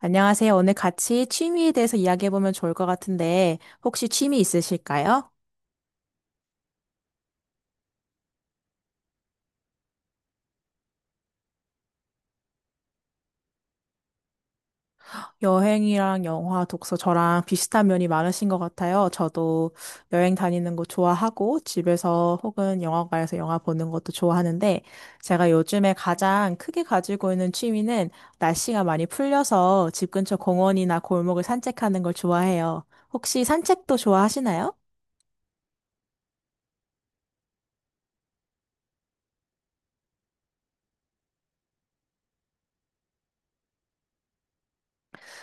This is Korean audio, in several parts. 안녕하세요. 오늘 같이 취미에 대해서 이야기해보면 좋을 것 같은데, 혹시 취미 있으실까요? 여행이랑 영화, 독서 저랑 비슷한 면이 많으신 것 같아요. 저도 여행 다니는 거 좋아하고, 집에서 혹은 영화관에서 영화 보는 것도 좋아하는데, 제가 요즘에 가장 크게 가지고 있는 취미는 날씨가 많이 풀려서 집 근처 공원이나 골목을 산책하는 걸 좋아해요. 혹시 산책도 좋아하시나요?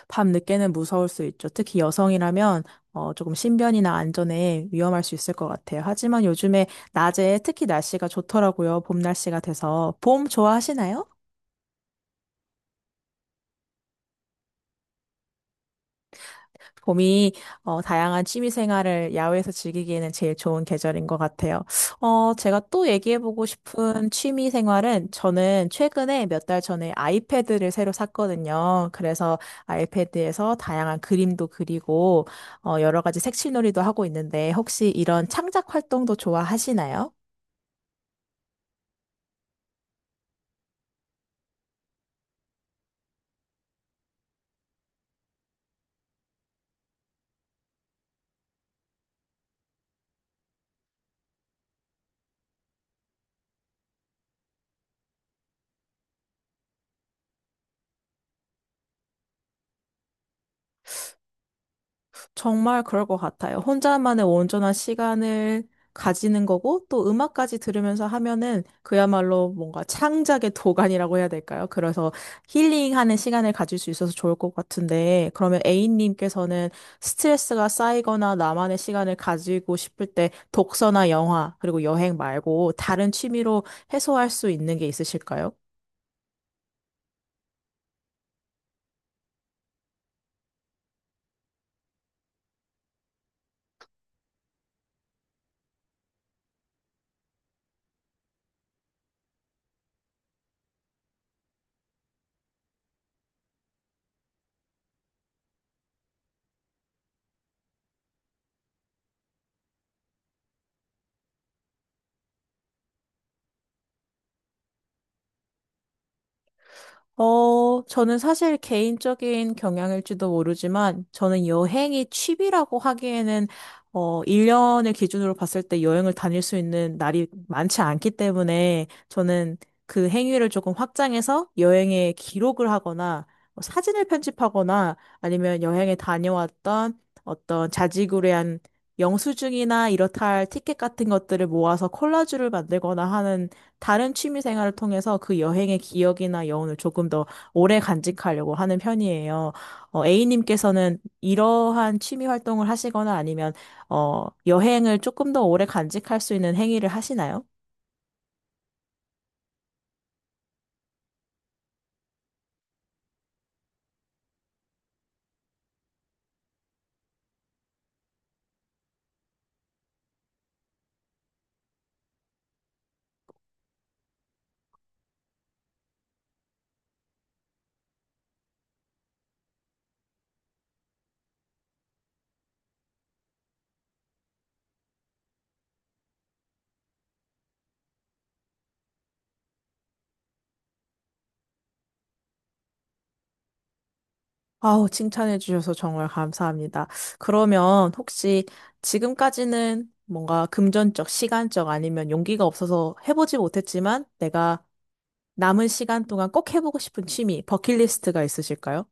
밤늦게는 무서울 수 있죠. 특히 여성이라면 조금 신변이나 안전에 위험할 수 있을 것 같아요. 하지만 요즘에 낮에 특히 날씨가 좋더라고요. 봄 날씨가 돼서. 봄 좋아하시나요? 봄이 다양한 취미 생활을 야외에서 즐기기에는 제일 좋은 계절인 것 같아요. 제가 또 얘기해보고 싶은 취미 생활은 저는 최근에 몇 달 전에 아이패드를 새로 샀거든요. 그래서 아이패드에서 다양한 그림도 그리고 여러 가지 색칠놀이도 하고 있는데 혹시 이런 창작 활동도 좋아하시나요? 정말 그럴 것 같아요. 혼자만의 온전한 시간을 가지는 거고, 또 음악까지 들으면서 하면은 그야말로 뭔가 창작의 도가니라고 해야 될까요? 그래서 힐링하는 시간을 가질 수 있어서 좋을 것 같은데, 그러면 A님께서는 스트레스가 쌓이거나 나만의 시간을 가지고 싶을 때 독서나 영화, 그리고 여행 말고 다른 취미로 해소할 수 있는 게 있으실까요? 저는 사실 개인적인 경향일지도 모르지만, 저는 여행이 취미라고 하기에는, 1년을 기준으로 봤을 때 여행을 다닐 수 있는 날이 많지 않기 때문에, 저는 그 행위를 조금 확장해서 여행에 기록을 하거나, 뭐 사진을 편집하거나, 아니면 여행에 다녀왔던 어떤 자지구레한 영수증이나 이렇다 할 티켓 같은 것들을 모아서 콜라주를 만들거나 하는 다른 취미 생활을 통해서 그 여행의 기억이나 여운을 조금 더 오래 간직하려고 하는 편이에요. A님께서는 이러한 취미 활동을 하시거나 아니면, 여행을 조금 더 오래 간직할 수 있는 행위를 하시나요? 아우, 칭찬해 주셔서 정말 감사합니다. 그러면 혹시 지금까지는 뭔가 금전적, 시간적 아니면 용기가 없어서 해보지 못했지만 내가 남은 시간 동안 꼭 해보고 싶은 취미, 버킷리스트가 있으실까요?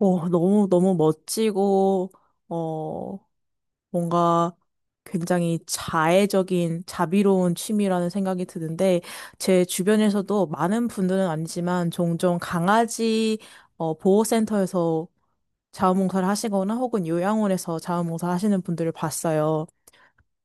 오, 너무, 너무 멋지고, 어, 뭔가 굉장히 자애적인, 자비로운 취미라는 생각이 드는데, 제 주변에서도 많은 분들은 아니지만, 종종 강아지, 보호센터에서 자원봉사를 하시거나 혹은 요양원에서 자원봉사 하시는 분들을 봤어요.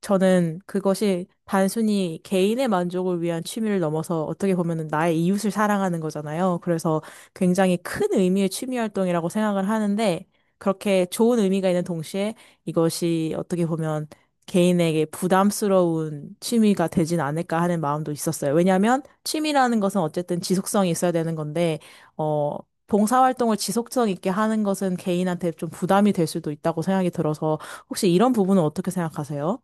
저는 그것이 단순히 개인의 만족을 위한 취미를 넘어서 어떻게 보면 나의 이웃을 사랑하는 거잖아요. 그래서 굉장히 큰 의미의 취미 활동이라고 생각을 하는데 그렇게 좋은 의미가 있는 동시에 이것이 어떻게 보면 개인에게 부담스러운 취미가 되진 않을까 하는 마음도 있었어요. 왜냐하면 취미라는 것은 어쨌든 지속성이 있어야 되는 건데, 어, 봉사활동을 지속성 있게 하는 것은 개인한테 좀 부담이 될 수도 있다고 생각이 들어서 혹시 이런 부분은 어떻게 생각하세요?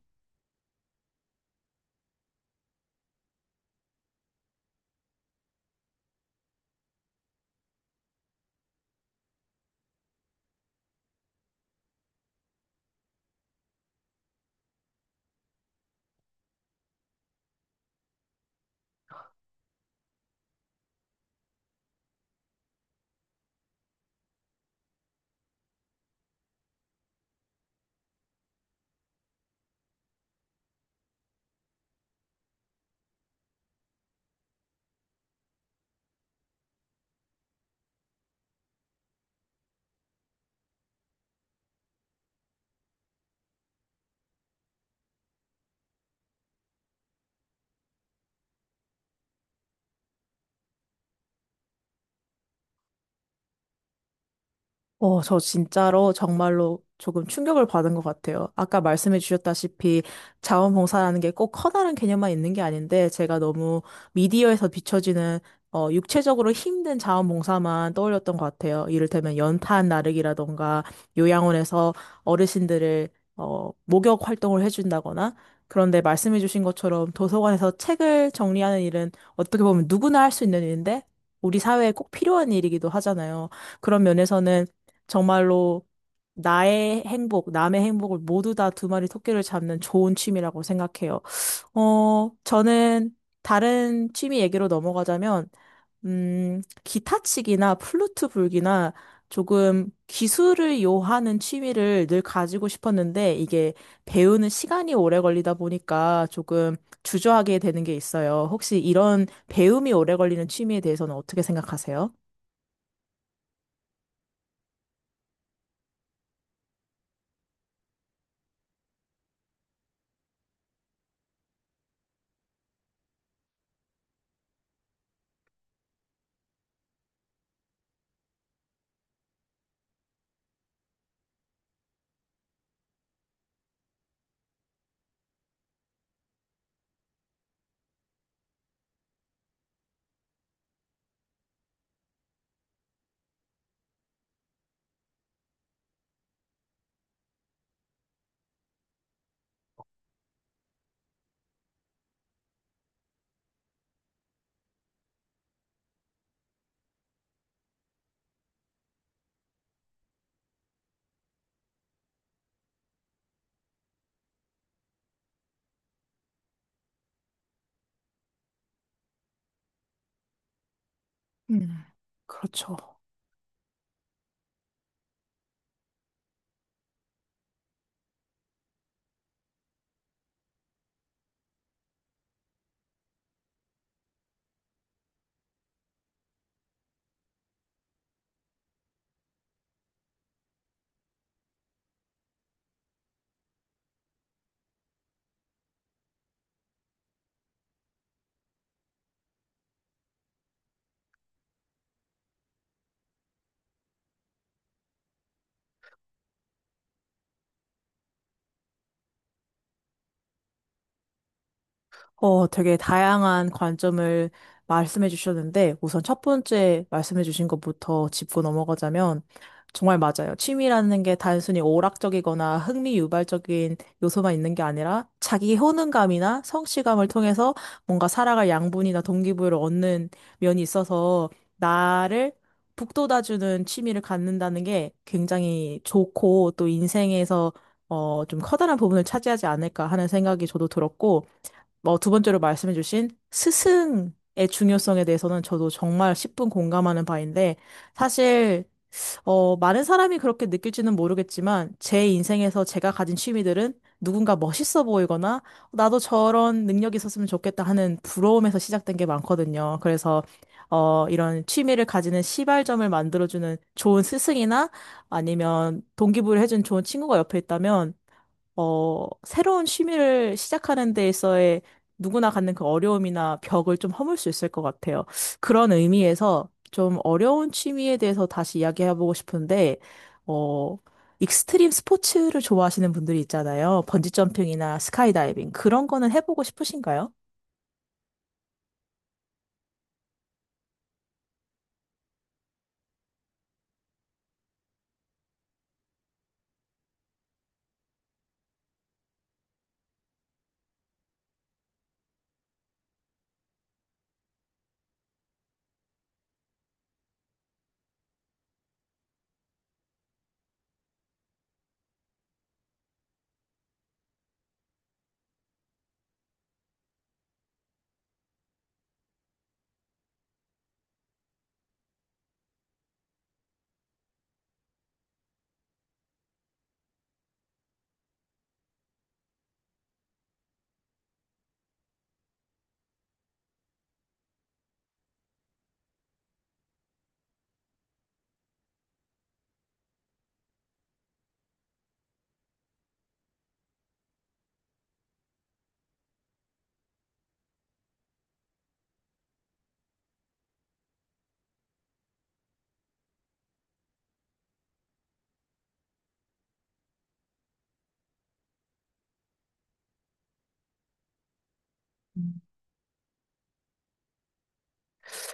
저 진짜로 정말로 조금 충격을 받은 것 같아요. 아까 말씀해 주셨다시피 자원봉사라는 게 꼭 커다란 개념만 있는 게 아닌데 제가 너무 미디어에서 비춰지는 육체적으로 힘든 자원봉사만 떠올렸던 것 같아요. 이를테면 연탄 나르기라던가 요양원에서 어르신들을 목욕 활동을 해준다거나 그런데 말씀해 주신 것처럼 도서관에서 책을 정리하는 일은 어떻게 보면 누구나 할 수 있는 일인데 우리 사회에 꼭 필요한 일이기도 하잖아요. 그런 면에서는 정말로 나의 행복, 남의 행복을 모두 다 두 마리 토끼를 잡는 좋은 취미라고 생각해요. 저는 다른 취미 얘기로 넘어가자면, 기타 치기나 플루트 불기나 조금 기술을 요하는 취미를 늘 가지고 싶었는데 이게 배우는 시간이 오래 걸리다 보니까 조금 주저하게 되는 게 있어요. 혹시 이런 배움이 오래 걸리는 취미에 대해서는 어떻게 생각하세요? 음, 그렇죠. 되게 다양한 관점을 말씀해 주셨는데, 우선 첫 번째 말씀해 주신 것부터 짚고 넘어가자면, 정말 맞아요. 취미라는 게 단순히 오락적이거나 흥미 유발적인 요소만 있는 게 아니라, 자기 효능감이나 성취감을 통해서 뭔가 살아갈 양분이나 동기부여를 얻는 면이 있어서, 나를 북돋아주는 취미를 갖는다는 게 굉장히 좋고, 또 인생에서 좀 커다란 부분을 차지하지 않을까 하는 생각이 저도 들었고, 뭐 두 번째로 말씀해주신 스승의 중요성에 대해서는 저도 정말 십분 공감하는 바인데 사실 많은 사람이 그렇게 느낄지는 모르겠지만 제 인생에서 제가 가진 취미들은 누군가 멋있어 보이거나 나도 저런 능력이 있었으면 좋겠다 하는 부러움에서 시작된 게 많거든요. 그래서 이런 취미를 가지는 시발점을 만들어주는 좋은 스승이나 아니면 동기부여해준 좋은 친구가 옆에 있다면 새로운 취미를 시작하는 데에서의 누구나 갖는 그 어려움이나 벽을 좀 허물 수 있을 것 같아요. 그런 의미에서 좀 어려운 취미에 대해서 다시 이야기해보고 싶은데, 어, 익스트림 스포츠를 좋아하시는 분들이 있잖아요. 번지점핑이나 스카이다이빙. 그런 거는 해보고 싶으신가요?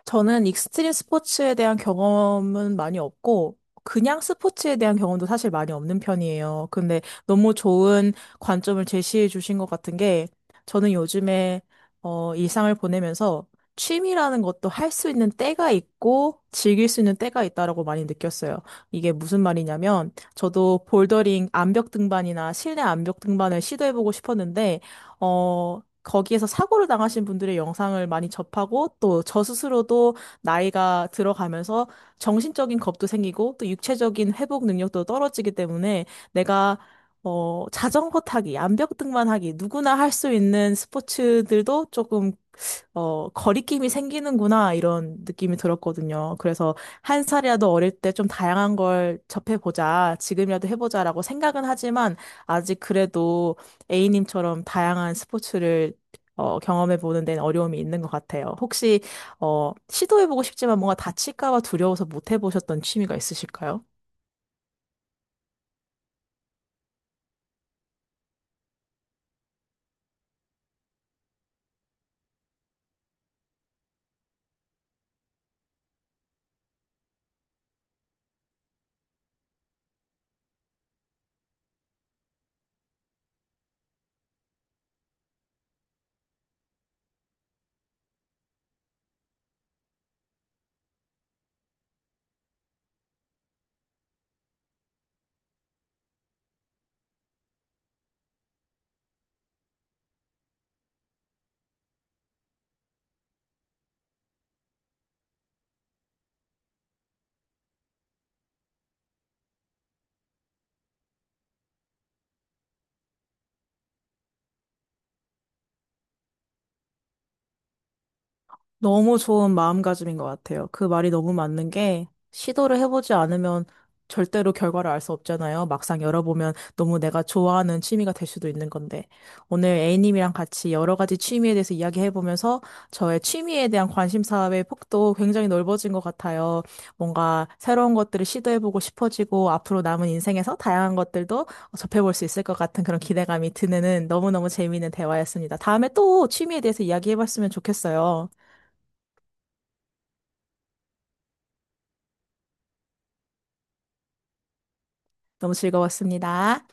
저는 익스트림 스포츠에 대한 경험은 많이 없고, 그냥 스포츠에 대한 경험도 사실 많이 없는 편이에요. 근데 너무 좋은 관점을 제시해 주신 것 같은 게, 저는 요즘에 일상을 보내면서 취미라는 것도 할 수 있는 때가 있고, 즐길 수 있는 때가 있다라고 많이 느꼈어요. 이게 무슨 말이냐면, 저도 볼더링 암벽 등반이나 실내 암벽 등반을 시도해보고 싶었는데, 거기에서 사고를 당하신 분들의 영상을 많이 접하고 또 저 스스로도 나이가 들어가면서 정신적인 겁도 생기고 또 육체적인 회복 능력도 떨어지기 때문에 내가 자전거 타기, 암벽 등반하기, 누구나 할 수 있는 스포츠들도 조금 거리낌이 생기는구나, 이런 느낌이 들었거든요. 그래서 한 살이라도 어릴 때 좀 다양한 걸 접해보자, 지금이라도 해보자라고 생각은 하지만, 아직 그래도 A님처럼 다양한 스포츠를 경험해보는 데는 어려움이 있는 것 같아요. 혹시, 시도해보고 싶지만 뭔가 다칠까 봐 두려워서 못 해보셨던 취미가 있으실까요? 너무 좋은 마음가짐인 것 같아요. 그 말이 너무 맞는 게 시도를 해보지 않으면 절대로 결과를 알 수 없잖아요. 막상 열어보면 너무 내가 좋아하는 취미가 될 수도 있는 건데. 오늘 A님이랑 같이 여러 가지 취미에 대해서 이야기해보면서 저의 취미에 대한 관심사의 폭도 굉장히 넓어진 것 같아요. 뭔가 새로운 것들을 시도해보고 싶어지고 앞으로 남은 인생에서 다양한 것들도 접해볼 수 있을 것 같은 그런 기대감이 드는 너무너무 재미있는 대화였습니다. 다음에 또 취미에 대해서 이야기해봤으면 좋겠어요. 너무 즐거웠습니다.